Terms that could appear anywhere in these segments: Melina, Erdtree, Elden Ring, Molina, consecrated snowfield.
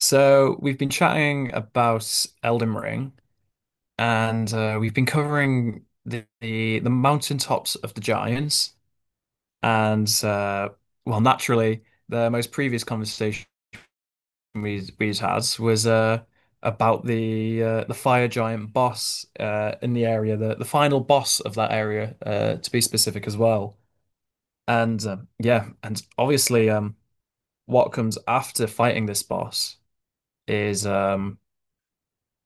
So we've been chatting about Elden Ring, and we've been covering the mountaintops of the giants, and naturally, the most previous conversation we'd had was about the fire giant boss in the area, the final boss of that area, to be specific as well. And Yeah, and obviously, what comes after fighting this boss is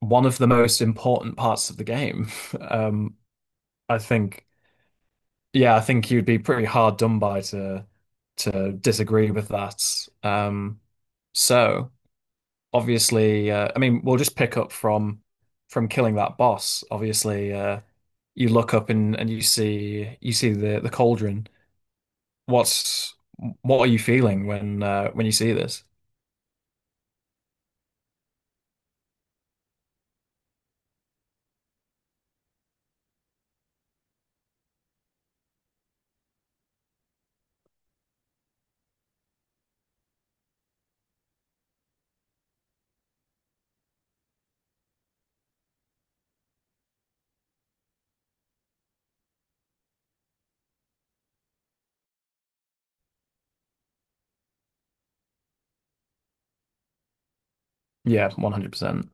one of the most important parts of the game. Um, I think, yeah, I think you'd be pretty hard done by to disagree with that. Um, so obviously, I mean, we'll just pick up from killing that boss. Obviously, you look up and you see the cauldron. What's what are you feeling when you see this? Yeah, 100%.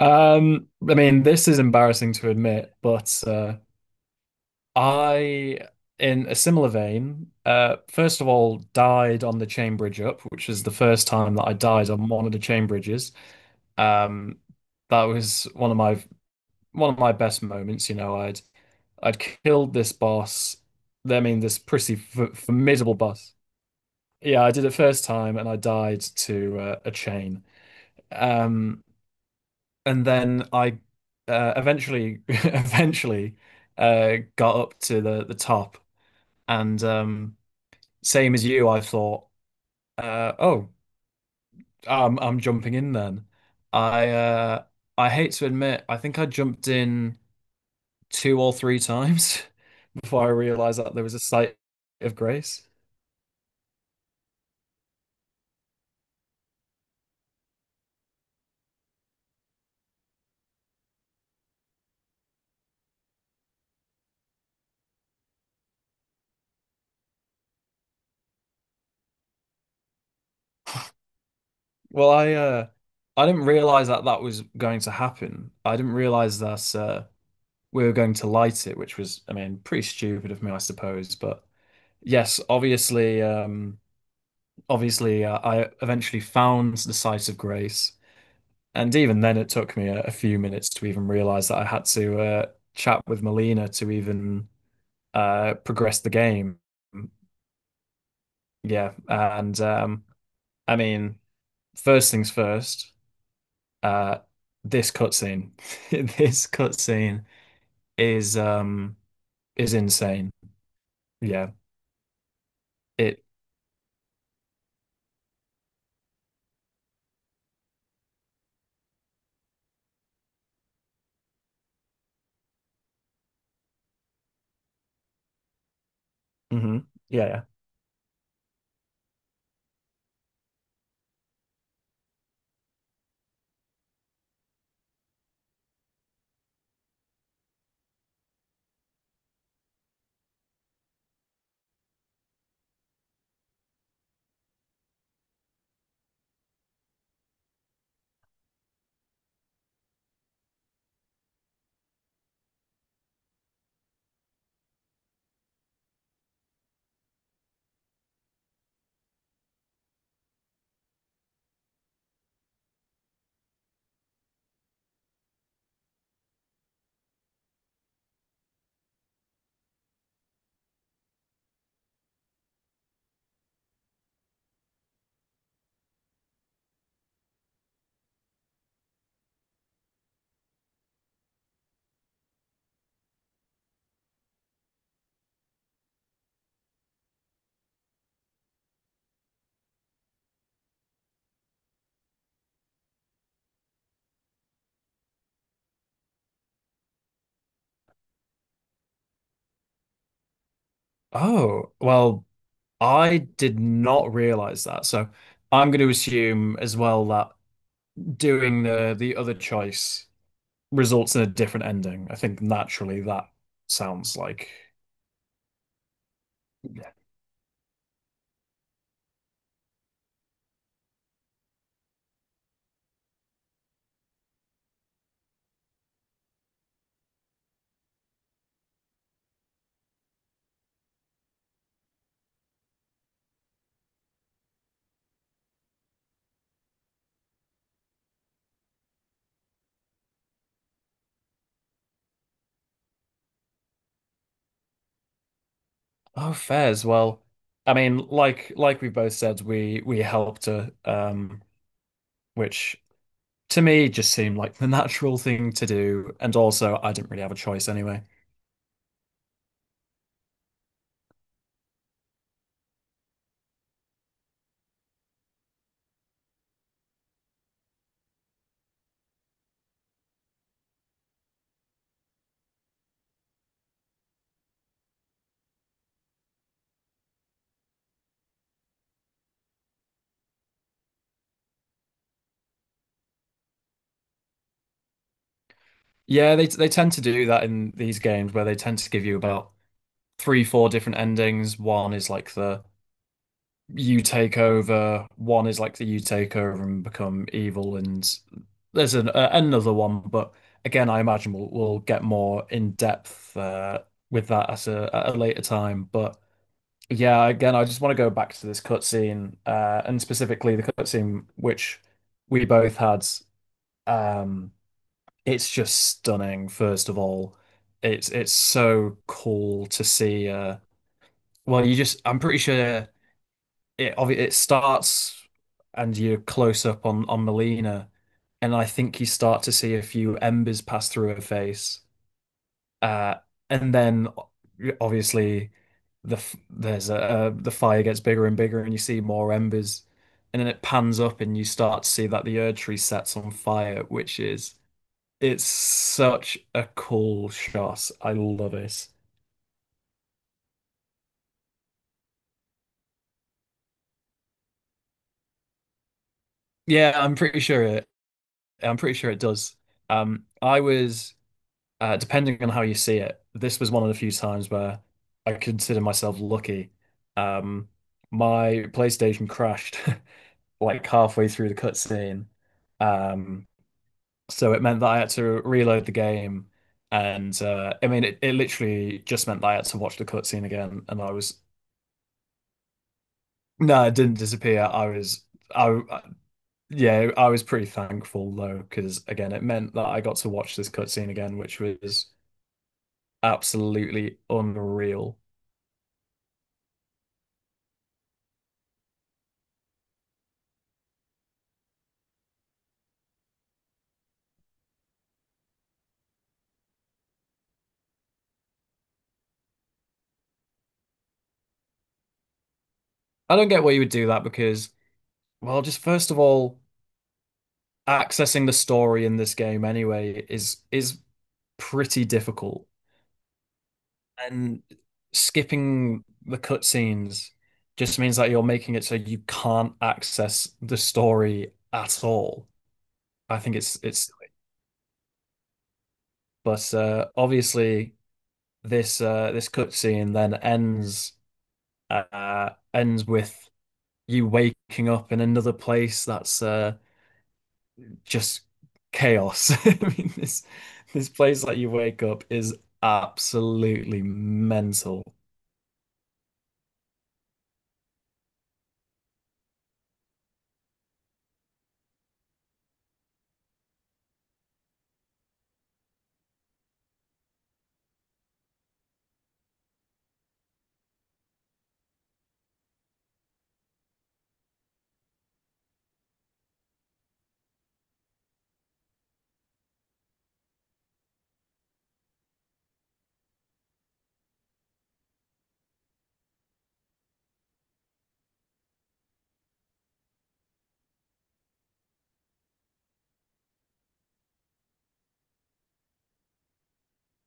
I mean, this is embarrassing to admit, but I, in a similar vein, first of all, died on the chain bridge up, which is the first time that I died on one of the chain bridges. Um, that was one of my best moments. You know, I'd killed this boss. I mean, this pretty f formidable boss. Yeah, I did it first time, and I died to a chain. Um, and then I eventually eventually got up to the top. And Same as you, I thought, oh, I'm jumping in then. I uh, I hate to admit, I think I jumped in two or three times before I realized that there was a site of grace. Well, I didn't realize that that was going to happen. I didn't realize that we were going to light it, which was, I mean, pretty stupid of me, I suppose. But yes, obviously, I eventually found the site of grace. And even then, it took me a few minutes to even realize that I had to chat with Molina to even progress the game. Yeah, and I mean, first things first, uh, this cutscene, this cutscene is um is insane. Yeah, it. hmm, yeah, yeah. Oh, well, I did not realize that. So I'm going to assume as well that doing the other choice results in a different ending. I think naturally that sounds like yeah. Oh, fair as well. I mean, like we both said, we helped her, which to me just seemed like the natural thing to do, and also I didn't really have a choice anyway. Yeah, they tend to do that in these games where they tend to give you about three, four different endings. One is like the you take over. One is like the you take over and become evil, and there's an, another one, but again, I imagine we'll get more in depth with that at a later time. But yeah, again, I just want to go back to this cutscene, and specifically the cutscene which we both had. Um, it's just stunning. First of all, it's so cool to see. You just I'm pretty sure it starts and you're close up on Melina, and I think you start to see a few embers pass through her face, uh, and then o- obviously there's a the fire gets bigger and bigger, and you see more embers, and then it pans up and you start to see that the Erd tree sets on fire, which is it's such a cool shot. I love it. Yeah, I'm pretty sure it does. I was. Depending on how you see it, this was one of the few times where I consider myself lucky. Um, my PlayStation crashed like halfway through the cutscene, um, so it meant that I had to reload the game, and I mean, it literally just meant that I had to watch the cutscene again, and I was no, it didn't disappear. I was. I- Yeah, I was pretty thankful though, because again, it meant that I got to watch this cutscene again, which was absolutely unreal. I don't get why you would do that because, well, just first of all, accessing the story in this game anyway is pretty difficult. And skipping the cutscenes just means that you're making it so you can't access the story at all. I think it's but Obviously this cutscene then ends ends with you waking up in another place that's just chaos. I mean, this place that you wake up is absolutely mental.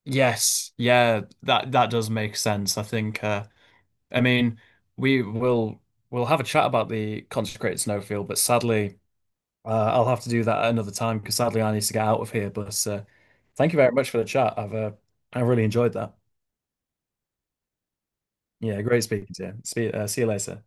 Yes, yeah, that that does make sense. I think I mean we will We'll have a chat about the consecrated snowfield, but sadly I'll have to do that at another time because sadly I need to get out of here. But thank you very much for the chat. I really enjoyed that. Yeah, great speaking to you. See you later.